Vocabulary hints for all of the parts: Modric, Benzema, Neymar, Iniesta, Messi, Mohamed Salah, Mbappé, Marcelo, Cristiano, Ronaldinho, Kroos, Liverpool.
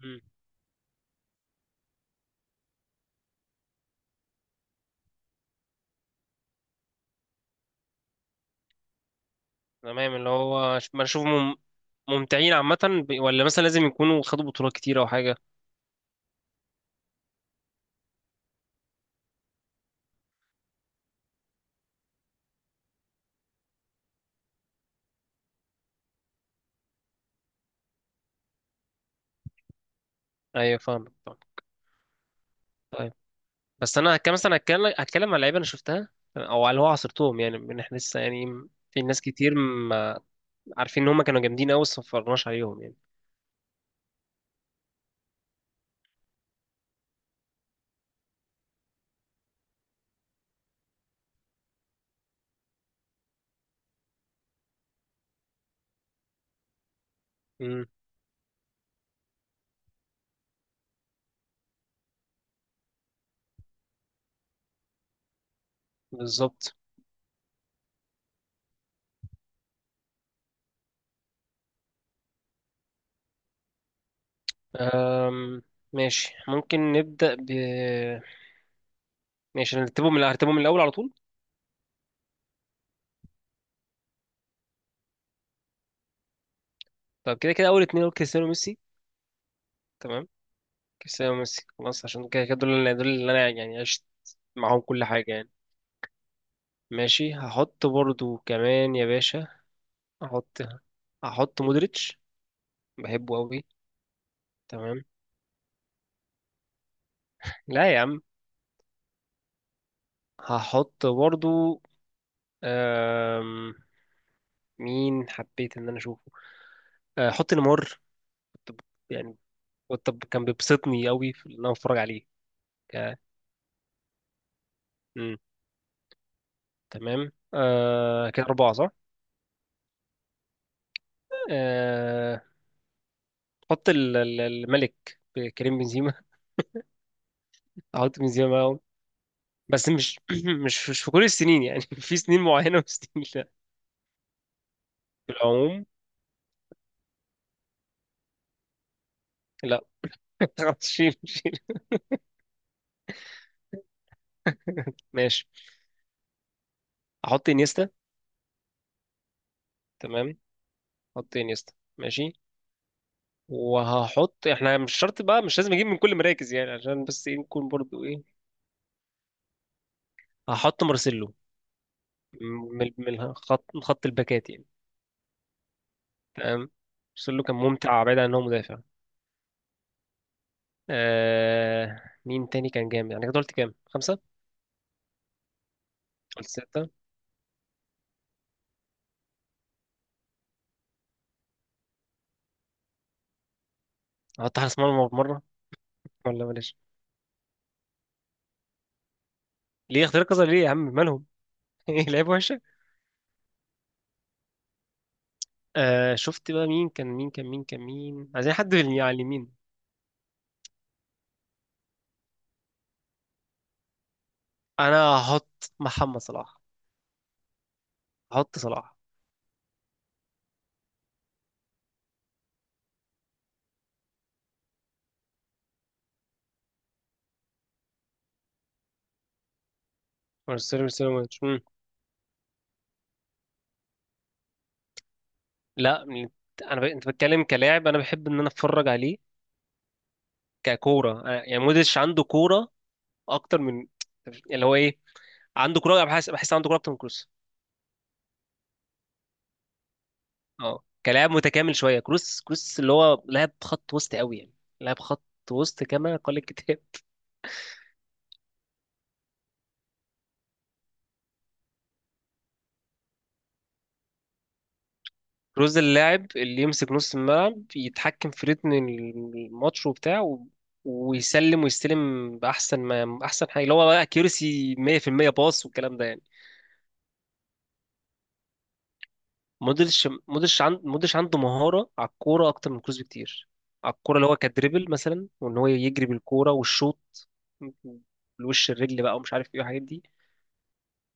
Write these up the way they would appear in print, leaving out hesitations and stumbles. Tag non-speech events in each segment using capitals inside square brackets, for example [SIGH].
مم. تمام، اللي هو ما اشوفهم ممتعين عامة، ولا مثلا لازم يكونوا خدوا بطولات كتير او حاجة؟ ايوه فاهمك فاهم. طيب، بس انا كان مثلا هتكلم عن لعيبة انا شفتها او على اللي هو عصرتهم، يعني من احنا لسه، يعني في ناس كتير ما عارفين ان هم كانوا جامدين قوي بس ما اتفرجناش عليهم يعني. امم بالظبط. أم... ماشي، ممكن نبدأ ب، ماشي هنرتبهم من هرتبهم من الاول على طول. طب كده كده اول اتنين هو كريستيانو وميسي. تمام، كريستيانو وميسي خلاص، عشان كده كده دول اللي انا يعني عشت معاهم كل حاجة يعني. ماشي، هحط برضو كمان يا باشا. هحط هحط مودريتش، بحبه قوي. تمام، لا يا عم، هحط برضو. أم... مين حبيت ان انا اشوفه؟ هحط نيمار. كنت ب- يعني كنت ب- كان بيبسطني قوي في ان انا اتفرج عليه. ك... مم. تمام، كده أربعة صح. أه... حط الملك كريم بنزيما. [LAUGHS] احط بنزيما. بس مش [CLEARS THROAT] مش في كل السنين يعني، [LAUGHS] في سنين معينة وسنين لا. في العموم. لا، [LAUGHS] خلاص شيل شيل. ماشي، هحط انيستا. تمام، هحط انيستا. ماشي، وهحط، احنا مش شرط بقى، مش لازم اجيب من كل مراكز يعني، عشان بس ايه نكون برضو ايه. هحط مارسيلو، من الخط، من خط الباكات يعني. تمام، مارسيلو كان ممتع بعيد عن ان هو مدافع. مين تاني كان جامد يعني؟ كده قلت كام، خمسة؟ قلت ستة. هحط حارس مرمى مرة، ولا بلاش. ليه اختيار كذا؟ ليه يا عم مالهم؟ [LAUGHS] ايه لعيب وحشة؟ آه، شفت بقى مين كان مين عايزين، حد في على اليمين. انا هحط محمد صلاح. هحط صلاح مارسيلو سيلومانش. لا، انت بتكلم كلاعب، انا بحب ان انا اتفرج عليه ككورة. يعني مودريتش عنده كورة اكتر من [TSK] اللي هو ايه، عنده كورة، بحس عنده كورة اكتر من كروس. اه، كلاعب متكامل شوية. كروس اللي هو لاعب خط وسط قوي يعني، لاعب خط وسط كما قال الكتاب. كروز اللاعب اللي يمسك نص الملعب، يتحكم في رتم الماتش وبتاع ويسلم ويستلم بأحسن ما، أحسن حاجة اللي هو بقى أكيورسي 100% باص والكلام ده يعني. مودريتش عنده مهارة على الكورة أكتر من كروز بكتير، على الكورة، اللي هو كدريبل مثلا، وإن هو يجري بالكورة، والشوط بالوش الرجل بقى ومش عارف إيه الحاجات دي.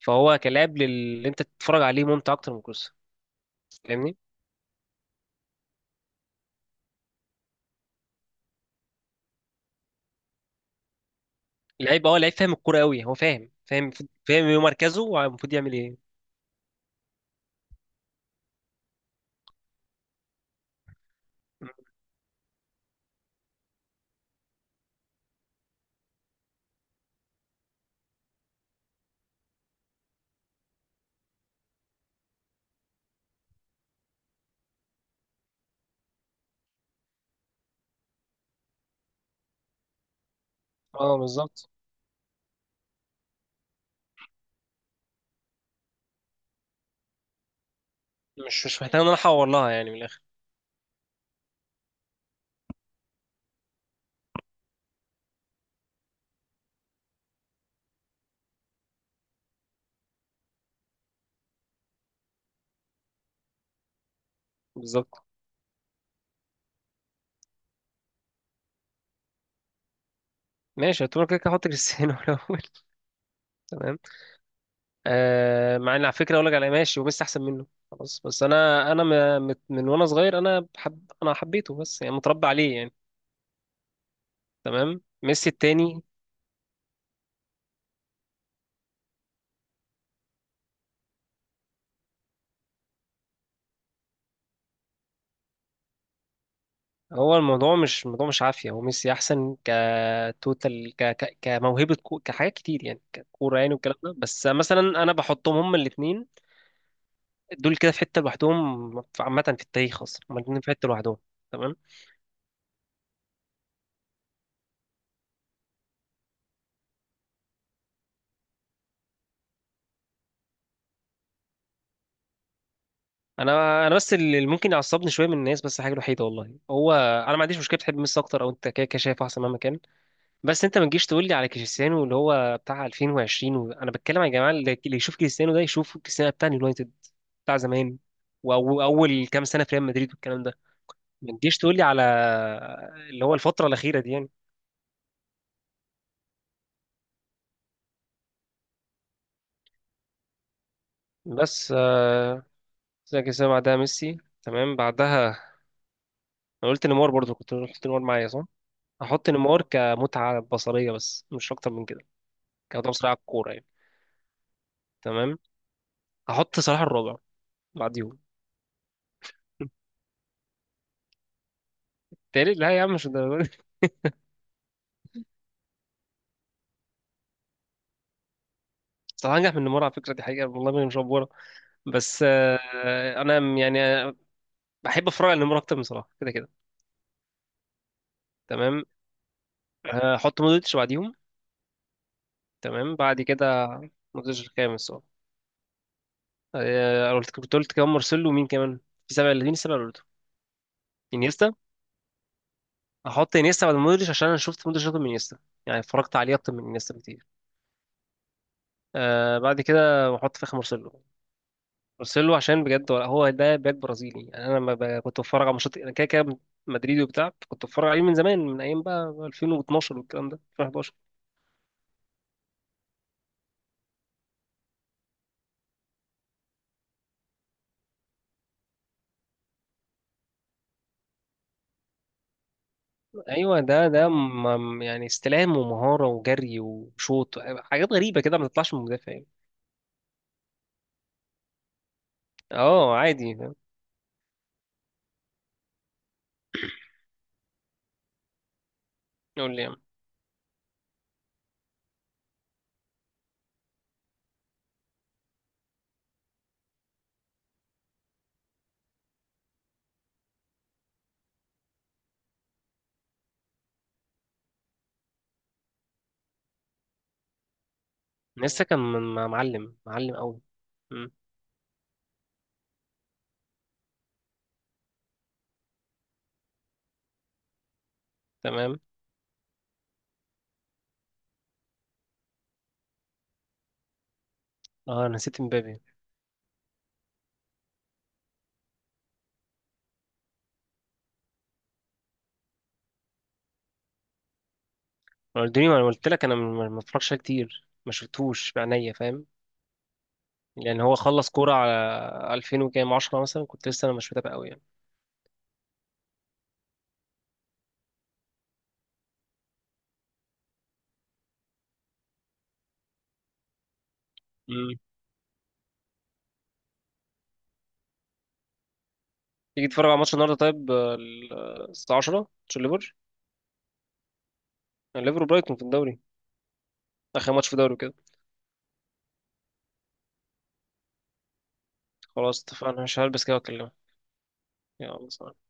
فهو كلاعب اللي أنت تتفرج عليه ممتع أكتر من كروز. فاهمني؟ لعيب اه، لعيب فاهم الكورة أوي، هو فاهم، فاهم فاهم مركزه ومفروض يعمل إيه. اه بالظبط، مش محتاج ان انا احور لها يعني من الاخر. بالظبط. ماشي، هتقول كده كده هحط كريستيانو [LAUGHS] الاول. تمام. آه، مع ان على فكره اقول لك على، ماشي، وميسي احسن منه خلاص، بس انا من وانا صغير انا بحب، انا حبيته بس يعني متربى عليه يعني. تمام، ميسي التاني. هو الموضوع مش عافيه، هو ميسي احسن كتوتال، كموهبه، كحاجات كتير يعني، ككوره يعني، والكلام ده. بس مثلا انا بحطهم هما الاثنين دول كده في حته لوحدهم. عامه في التاريخ اصلا هما الاثنين في حته لوحدهم. تمام. انا بس اللي ممكن يعصبني شويه من الناس، بس حاجه وحيده والله، هو انا ما عنديش مشكله تحب ميسي اكتر او انت كده كده شايف احسن مهما كان، بس انت ما تجيش تقول لي على كريستيانو اللي هو بتاع 2020 انا بتكلم يا جماعه، اللي يشوف كريستيانو ده يشوف كريستيانو بتاع اليونايتد بتاع زمان واول كام سنه في ريال مدريد والكلام ده. ما تجيش تقول لي على اللي هو الفتره الاخيره دي يعني. بس زي كريستيانو بعدها ميسي. تمام، بعدها انا قلت نيمار برضو، كنت قلت نيمار معايا صح. هحط نيمار كمتعه بصريه بس مش اكتر من كده، كان ده بصراحة الكورة يعني. تمام، هحط صلاح الرابع بعديهم. تالت لا يا عم، مش الدرجة دي. [LAUGHS] صلاح انجح من نيمار على فكرة، دي حقيقة والله، ما مش أفورة. بس أنا بحب أتفرج على نيمار أكتر من صلاح كده كده. تمام، هحط مودريتش بعديهم. تمام، بعد كده مودريتش الخامس اه. كنت قلت كمان مارسيلو ومين كمان؟ في سبعة، اللي مين السبعة اللي قلته؟ انيستا. هحط انيستا بعد مودريتش عشان انا شفت مودريتش اكتر من انيستا، يعني اتفرجت عليه اكتر من انيستا بكتير. آه، بعد كده هحط في اخر مارسيلو ارسله عشان بجد، ولا هو ده باك برازيلي يعني، انا لما كنت بتفرج على ماتشات انا كده كده مدريدي وبتاع، كنت بتفرج عليه من زمان، من ايام بقى 2012 والكلام ده، 2011. ايوه، ده يعني استلام ومهاره وجري وشوط، حاجات غريبه كده ما تطلعش من المدافع يعني. اه عادي، فاهم؟ يقول لي يعني. لسه كان معلم معلم قوي. مم. تمام، اه أنا نسيت مبابي. رونالدينيو انا قلت لك انا ما بتفرجش عليه كتير، ما شفتوش بعينيا فاهم. يعني هو خلص كورة على 2000 وكام 10 مثلا، كنت لسه انا مش متابع قوي يعني. مم. تيجي تتفرج على ماتش النهارده طيب؟ الساعة 10، ماتش الليفر، الليفر وبرايتون في الدوري، اخر ماتش في الدوري كده. خلاص اتفقنا، مش هلبس كده واكلمك. يلا سلام.